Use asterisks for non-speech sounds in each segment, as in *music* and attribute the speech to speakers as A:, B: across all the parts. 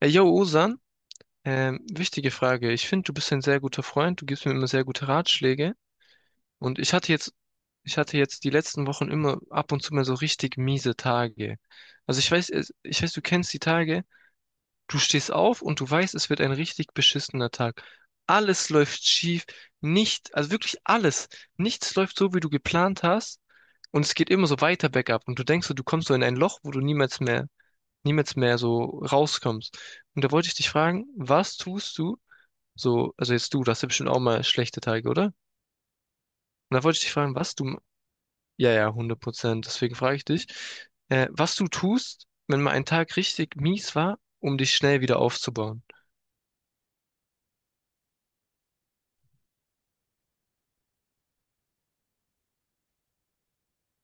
A: Yo, Osan, wichtige Frage. Ich finde, du bist ein sehr guter Freund. Du gibst mir immer sehr gute Ratschläge. Und ich hatte jetzt die letzten Wochen immer ab und zu mal so richtig miese Tage. Also ich weiß, ich weiß, du kennst die Tage. Du stehst auf und du weißt, es wird ein richtig beschissener Tag. Alles läuft schief. Nicht, also wirklich alles. Nichts läuft so, wie du geplant hast. Und es geht immer so weiter bergab. Und du denkst so, du kommst so in ein Loch, wo du niemals mehr so rauskommst. Und da wollte ich dich fragen, was tust du, so, also jetzt du, das hast ja bestimmt auch mal schlechte Tage, oder? Und da wollte ich dich fragen, was du, ja, ja, 100% deswegen frage ich dich, was du tust, wenn mal ein Tag richtig mies war, um dich schnell wieder aufzubauen.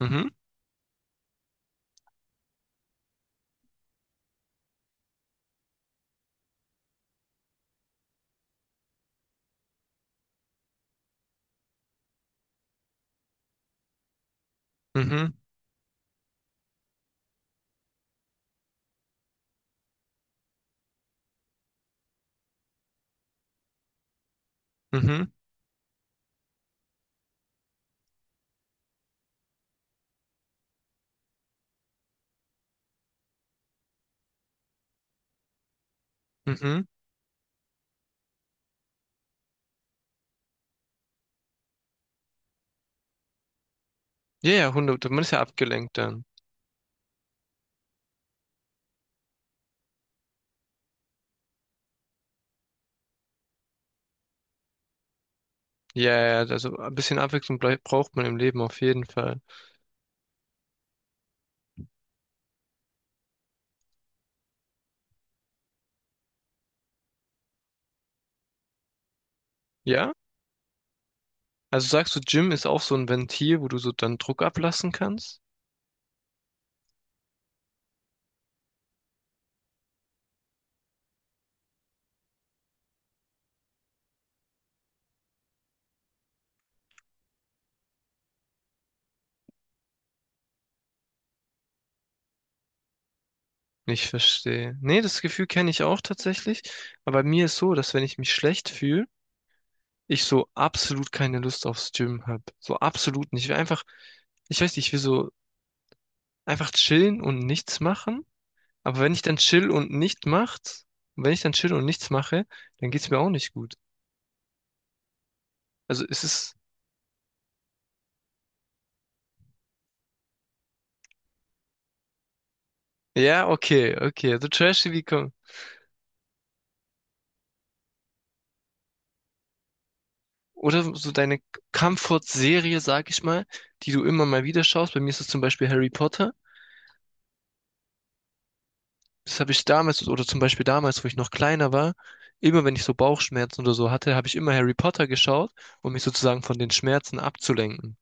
A: Mhm, mhm, mhm, mhm. Ja, ja, hundert, man ist ja abgelenkt dann. Ja, ja, ja, also ein bisschen Abwechslung braucht man im Leben auf jeden Fall. Ja? Also sagst du, Gym ist auch so ein Ventil, wo du so dann Druck ablassen kannst? Ich verstehe. Nee, das Gefühl kenne ich auch tatsächlich. Aber bei mir ist so, dass wenn ich mich schlecht fühle, ich so absolut keine Lust aufs Gym habe. So absolut nicht. Ich will einfach, ich weiß nicht, ich will so einfach chillen und nichts machen. Aber wenn ich dann chill und nicht macht, wenn ich dann chill und nichts mache, dann geht's mir auch nicht gut. Also es ist, ja, okay, okay. So trashy wie komm. Oder so deine Comfort-Serie, sag ich mal, die du immer mal wieder schaust. Bei mir ist es zum Beispiel Harry Potter. Das habe ich damals, oder zum Beispiel damals, wo ich noch kleiner war, immer wenn ich so Bauchschmerzen oder so hatte, habe ich immer Harry Potter geschaut, um mich sozusagen von den Schmerzen abzulenken.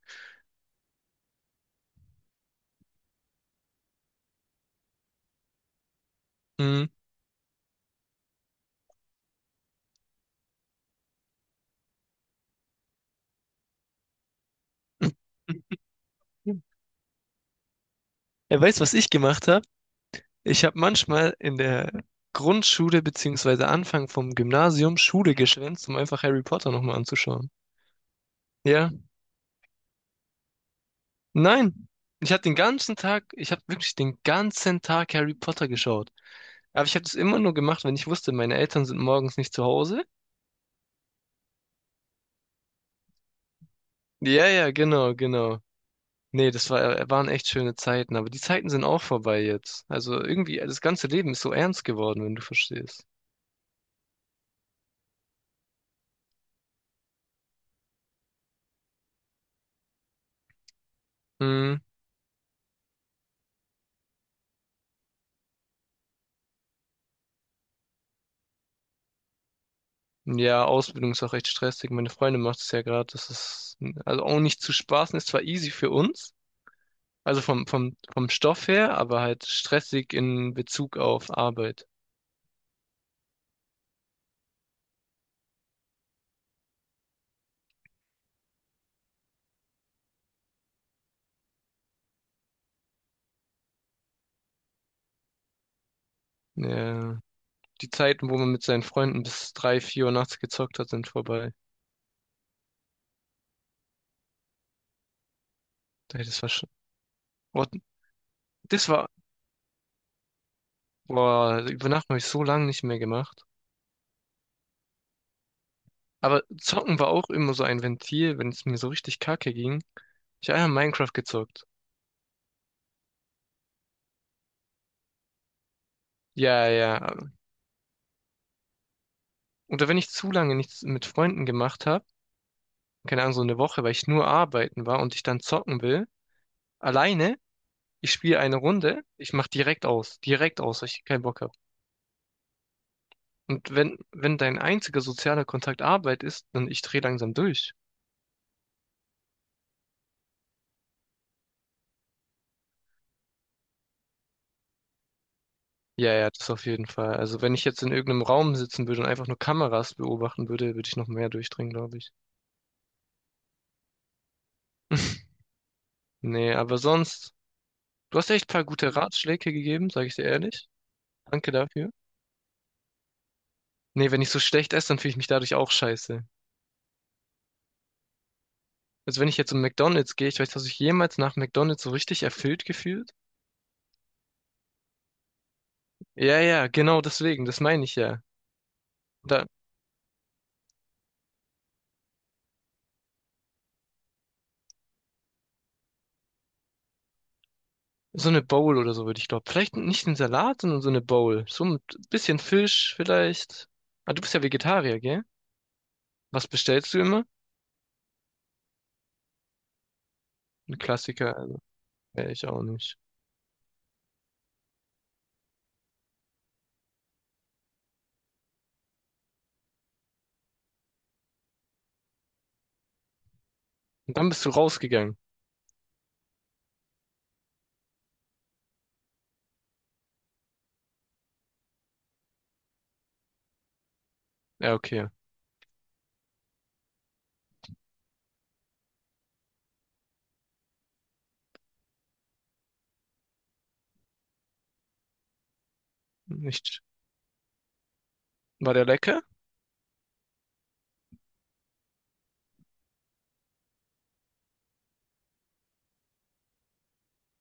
A: Mhm. *laughs* Er weiß, was ich gemacht habe. Ich habe manchmal in der Grundschule beziehungsweise Anfang vom Gymnasium Schule geschwänzt, um einfach Harry Potter nochmal anzuschauen. Ja, nein. Ich habe den ganzen Tag, ich habe wirklich den ganzen Tag Harry Potter geschaut. Aber ich habe das immer nur gemacht, wenn ich wusste, meine Eltern sind morgens nicht zu Hause. Ja, ja, genau, genau. Nee, das war, waren echt schöne Zeiten, aber die Zeiten sind auch vorbei jetzt. Also irgendwie, das ganze Leben ist so ernst geworden, wenn du verstehst. Hm. Ja, Ausbildung ist auch echt stressig. Meine Freundin macht es ja gerade, das ist also auch nicht zu spaßen, ist zwar easy für uns, also vom Stoff her, aber halt stressig in Bezug auf Arbeit. Ja. Die Zeiten, wo man mit seinen Freunden bis drei, vier Uhr nachts gezockt hat, sind vorbei. Ey, das war schon. Oh, das war. Boah, über Nacht habe ich so lange nicht mehr gemacht. Aber Zocken war auch immer so ein Ventil, wenn es mir so richtig kacke ging. Ich habe einfach Minecraft gezockt. Ja, ja. Oder wenn ich zu lange nichts mit Freunden gemacht habe, keine Ahnung, so eine Woche, weil ich nur arbeiten war und ich dann zocken will, alleine, ich spiele eine Runde, ich mach direkt aus, weil ich keinen Bock habe. Und wenn, wenn dein einziger sozialer Kontakt Arbeit ist, dann ich drehe langsam durch. Ja, ja, das auf jeden Fall. Also wenn ich jetzt in irgendeinem Raum sitzen würde und einfach nur Kameras beobachten würde, würde ich noch mehr durchdrehen, glaube ich. *laughs* Nee, aber sonst. Du hast echt ein paar gute Ratschläge gegeben, sage ich dir ehrlich. Danke dafür. Nee, wenn ich so schlecht esse, dann fühle ich mich dadurch auch scheiße. Also wenn ich jetzt um McDonald's gehe, ich weiß, hast du dich jemals nach McDonald's so richtig erfüllt gefühlt? Ja, ja, genau deswegen, das meine ich ja. Da, so eine Bowl oder so würde ich glauben. Vielleicht nicht einen Salat, sondern so eine Bowl. So ein bisschen Fisch vielleicht. Ah, du bist ja Vegetarier, gell? Was bestellst du immer? Ein Klassiker, wäre ich auch nicht. Und dann bist du rausgegangen. Ja, okay. Nicht. War der lecker?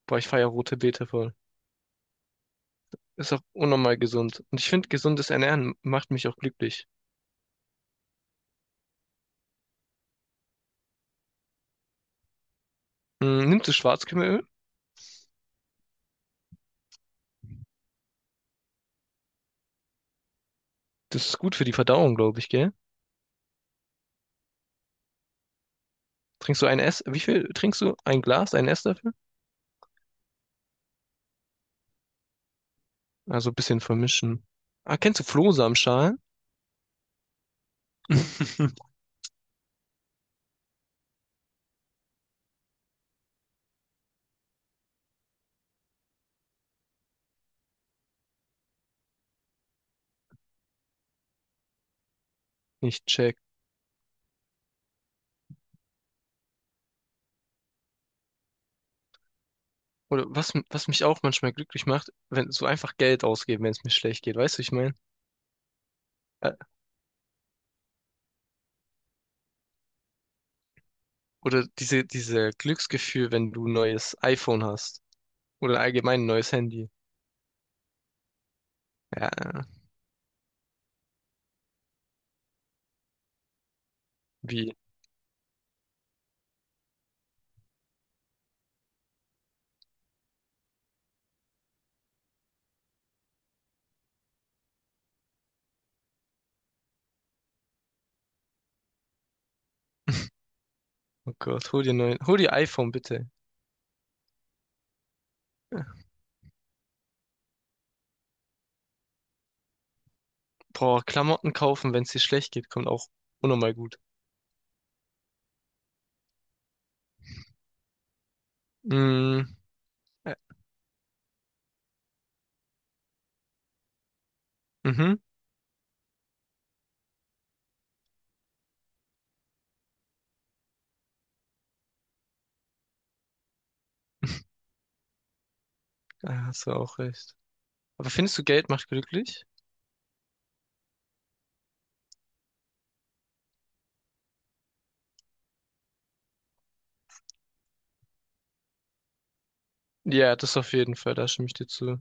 A: Boah, ich feier rote Beete voll. Ist auch unnormal gesund. Und ich finde, gesundes Ernähren macht mich auch glücklich. Hm, nimmst du Schwarzkümmelöl? Das ist gut für die Verdauung, glaube ich, gell? Trinkst du ein Ess? Wie viel trinkst du? Ein Glas, ein Esslöffel? Also ein bisschen vermischen. Ah, kennst du Flohsamenschalen? *laughs* Nicht check. Oder was, was mich auch manchmal glücklich macht, wenn so einfach Geld ausgeben, wenn es mir schlecht geht, weißt du, ich meine? Äh, Oder diese, diese Glücksgefühl, wenn du ein neues iPhone hast. Oder allgemein ein neues Handy. Ja, wie? Oh Gott, hol dir hol dir iPhone, bitte. Boah, Klamotten kaufen, wenn es dir schlecht geht, kommt auch unnormal gut. Mm, äh, mhm, da hast du auch recht. Aber findest du, Geld macht glücklich? Ja, das auf jeden Fall, da stimme ich dir zu.